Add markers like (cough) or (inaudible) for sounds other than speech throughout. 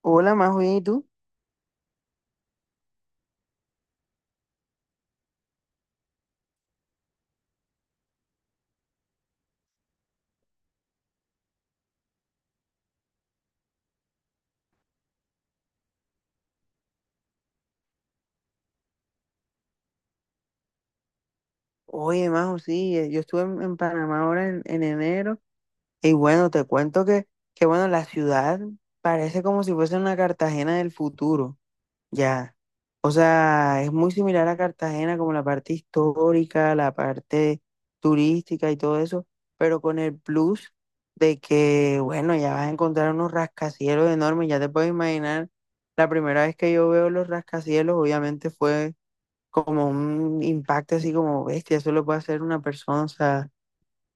Hola, Majo, ¿y tú? Oye, Majo, sí, yo estuve en Panamá ahora en enero y bueno, te cuento que bueno, la ciudad parece como si fuese una Cartagena del futuro, ya. O sea, es muy similar a Cartagena como la parte histórica, la parte turística y todo eso, pero con el plus de que, bueno, ya vas a encontrar unos rascacielos enormes, ya te puedes imaginar, la primera vez que yo veo los rascacielos, obviamente fue como un impacto así como bestia, eso lo puede hacer una persona, o sea,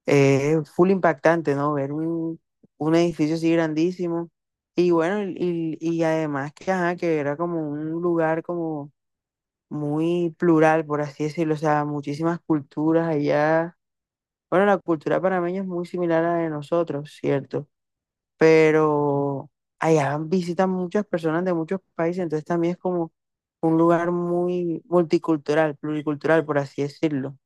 es full impactante, ¿no? Ver un edificio así grandísimo. Y bueno, y además que, ajá, que era como un lugar como muy plural, por así decirlo, o sea, muchísimas culturas allá. Bueno, la cultura panameña es muy similar a la de nosotros, ¿cierto? Pero allá visitan muchas personas de muchos países, entonces también es como un lugar muy multicultural, pluricultural, por así decirlo.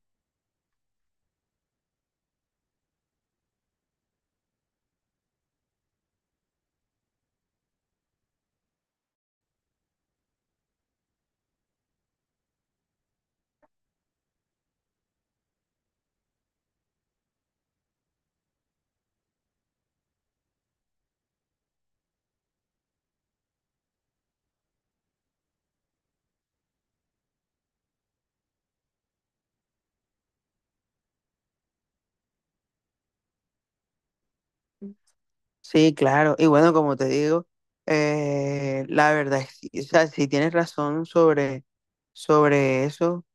Sí, claro. Y bueno, como te digo, la verdad es que, o sea, sí tienes razón sobre eso,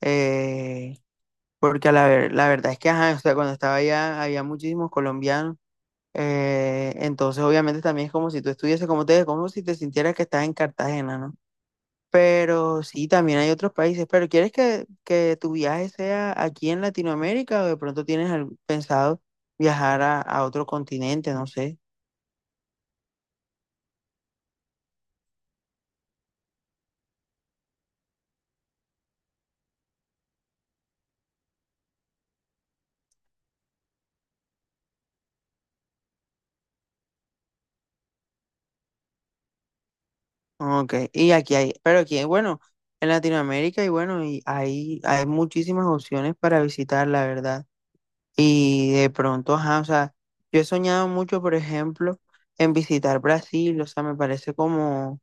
eh, porque a la, la verdad es que, ajá, o sea, cuando estaba allá había muchísimos colombianos, entonces obviamente también es como si tú estuvieses, como te digo, como si te sintieras que estás en Cartagena, ¿no? Pero sí, también hay otros países, pero ¿quieres que tu viaje sea aquí en Latinoamérica o de pronto tienes pensado viajar a otro continente, no sé? Ok, y aquí hay, pero aquí hay, bueno, en Latinoamérica y bueno, y hay muchísimas opciones para visitar, la verdad. Y de pronto, ajá, o sea, yo he soñado mucho, por ejemplo, en visitar Brasil, o sea, me parece como,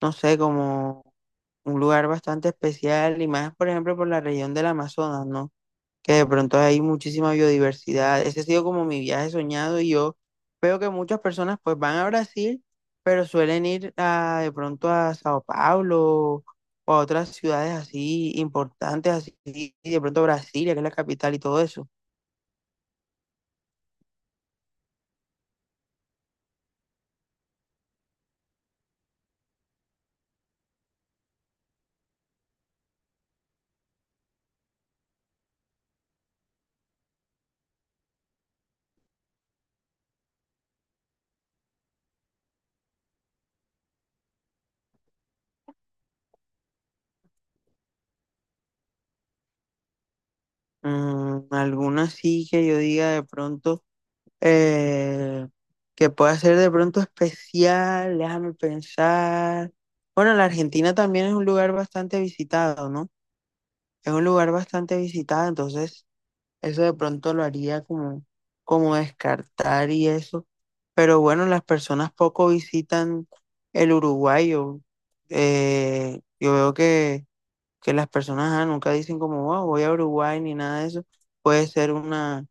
no sé, como un lugar bastante especial y más, por ejemplo, por la región del Amazonas, ¿no? Que de pronto hay muchísima biodiversidad. Ese ha sido como mi viaje soñado y yo veo que muchas personas pues van a Brasil, pero suelen ir a, de pronto a Sao Paulo o a otras ciudades así importantes, así y de pronto Brasilia, que es la capital y todo eso. Alguna sí que yo diga de pronto eh, que pueda ser de pronto especial, déjame pensar. Bueno, la Argentina también es un lugar bastante visitado, ¿no? Es un lugar bastante visitado, entonces eso de pronto lo haría como, como descartar y eso. Pero bueno, las personas poco visitan el Uruguay. Yo, yo veo que las personas ah, nunca dicen como, wow, voy a Uruguay ni nada de eso. Puede ser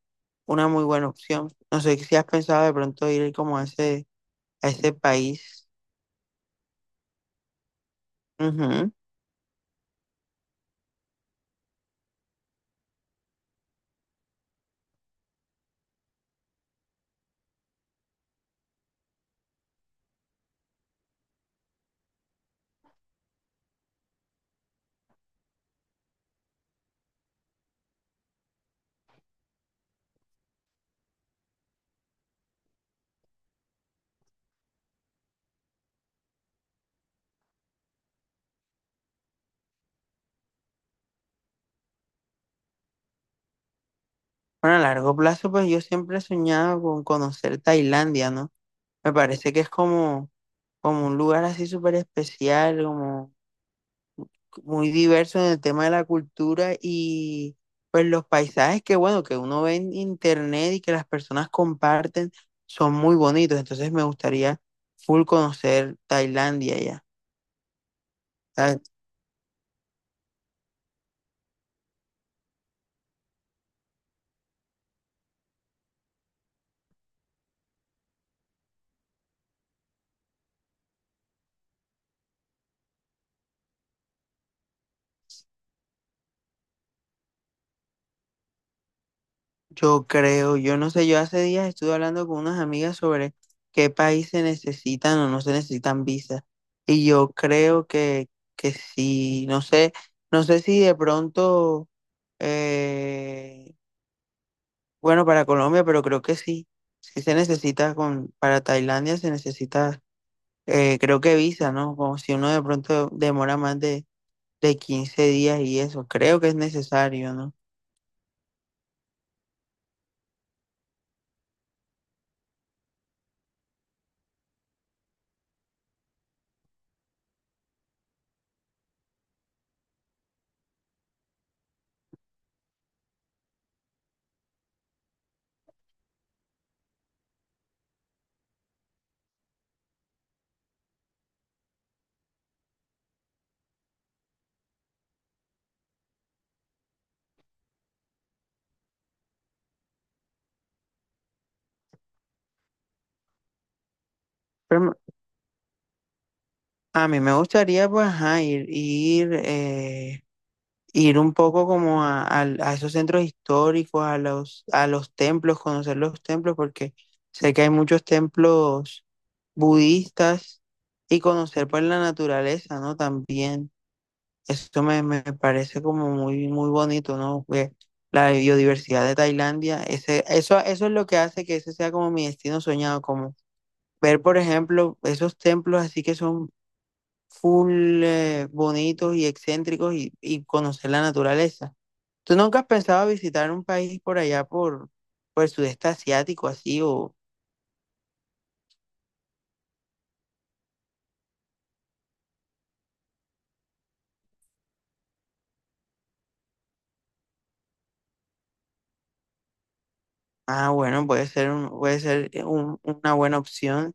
una muy buena opción. No sé si has pensado de pronto ir como a ese país. Ujú. Bueno, a largo plazo, pues yo siempre he soñado con conocer Tailandia, ¿no? Me parece que es como como un lugar así súper especial, como muy diverso en el tema de la cultura y pues los paisajes que bueno, que uno ve en internet y que las personas comparten son muy bonitos, entonces me gustaría full conocer Tailandia ya. Ah, yo creo, yo no sé, yo hace días estuve hablando con unas amigas sobre qué país se necesitan o no se necesitan visas y yo creo que sí, no sé, no sé si de pronto... eh, bueno, para Colombia, pero creo que sí. Sí se necesita con, para Tailandia se necesita, creo que visa, ¿no? Como si uno de pronto demora más de 15 días y eso, creo que es necesario, ¿no? Pero a mí me gustaría, pues, ajá, ir un poco como a, a esos centros históricos, a los templos, conocer los templos, porque sé que hay muchos templos budistas y conocer, pues, la naturaleza, ¿no? También. Eso me, me parece como muy, muy bonito, ¿no? Que la biodiversidad de Tailandia, ese, eso es lo que hace que ese sea como mi destino soñado, como ver, por ejemplo, esos templos así que son full bonitos y excéntricos y conocer la naturaleza. ¿Tú nunca has pensado visitar un país por allá, por el sudeste asiático, así? O, ah, bueno, puede ser, puede ser una buena opción.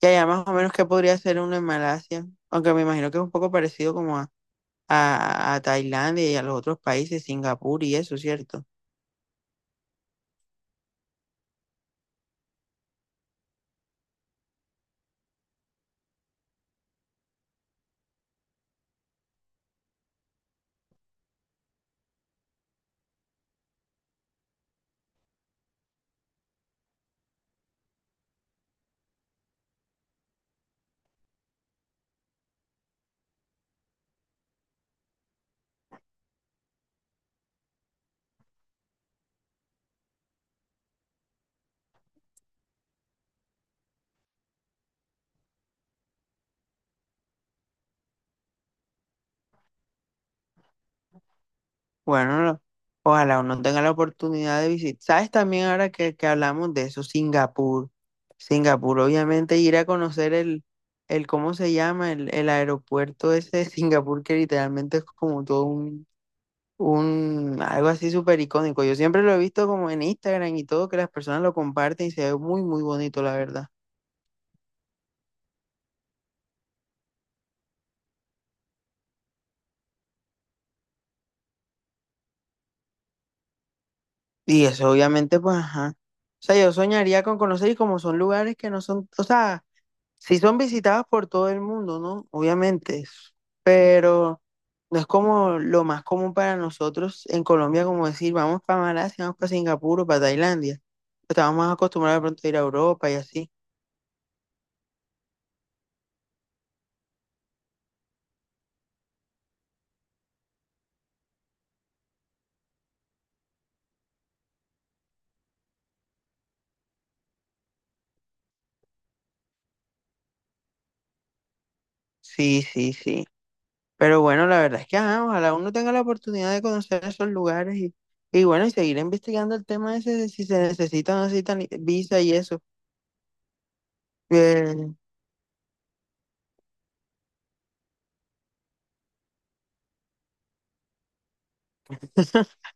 Ya, ya más o menos que podría ser uno en Malasia, aunque me imagino que es un poco parecido como a, a Tailandia y a los otros países, Singapur y eso, ¿cierto? Bueno, ojalá uno tenga la oportunidad de visitar. ¿Sabes también ahora que hablamos de eso? Singapur. Singapur, obviamente, ir a conocer el ¿cómo se llama? El aeropuerto ese de Singapur que literalmente es como todo un, algo así súper icónico. Yo siempre lo he visto como en Instagram y todo, que las personas lo comparten y se ve muy, muy bonito, la verdad. Y eso obviamente, pues, ajá. O sea, yo soñaría con conocer y como son lugares que no son, o sea, sí son visitados por todo el mundo, ¿no? Obviamente, pero no es como lo más común para nosotros en Colombia, como decir, vamos para Malasia, vamos para Singapur o para Tailandia. Estamos más acostumbrados de pronto a ir a Europa y así. Sí, sí, sí. Pero bueno, la verdad es que, ajá, ojalá uno tenga la oportunidad de conocer esos lugares y bueno, y seguir investigando el tema ese de si se necesita o no necesitan visa y eso. Eh, (laughs)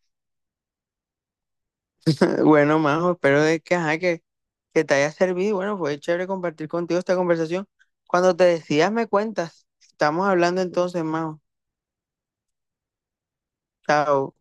Bueno, Majo, espero de que, ajá, que te haya servido. Y bueno, fue chévere compartir contigo esta conversación. Cuando te decidas, me cuentas. Estamos hablando entonces, Majo. Chao.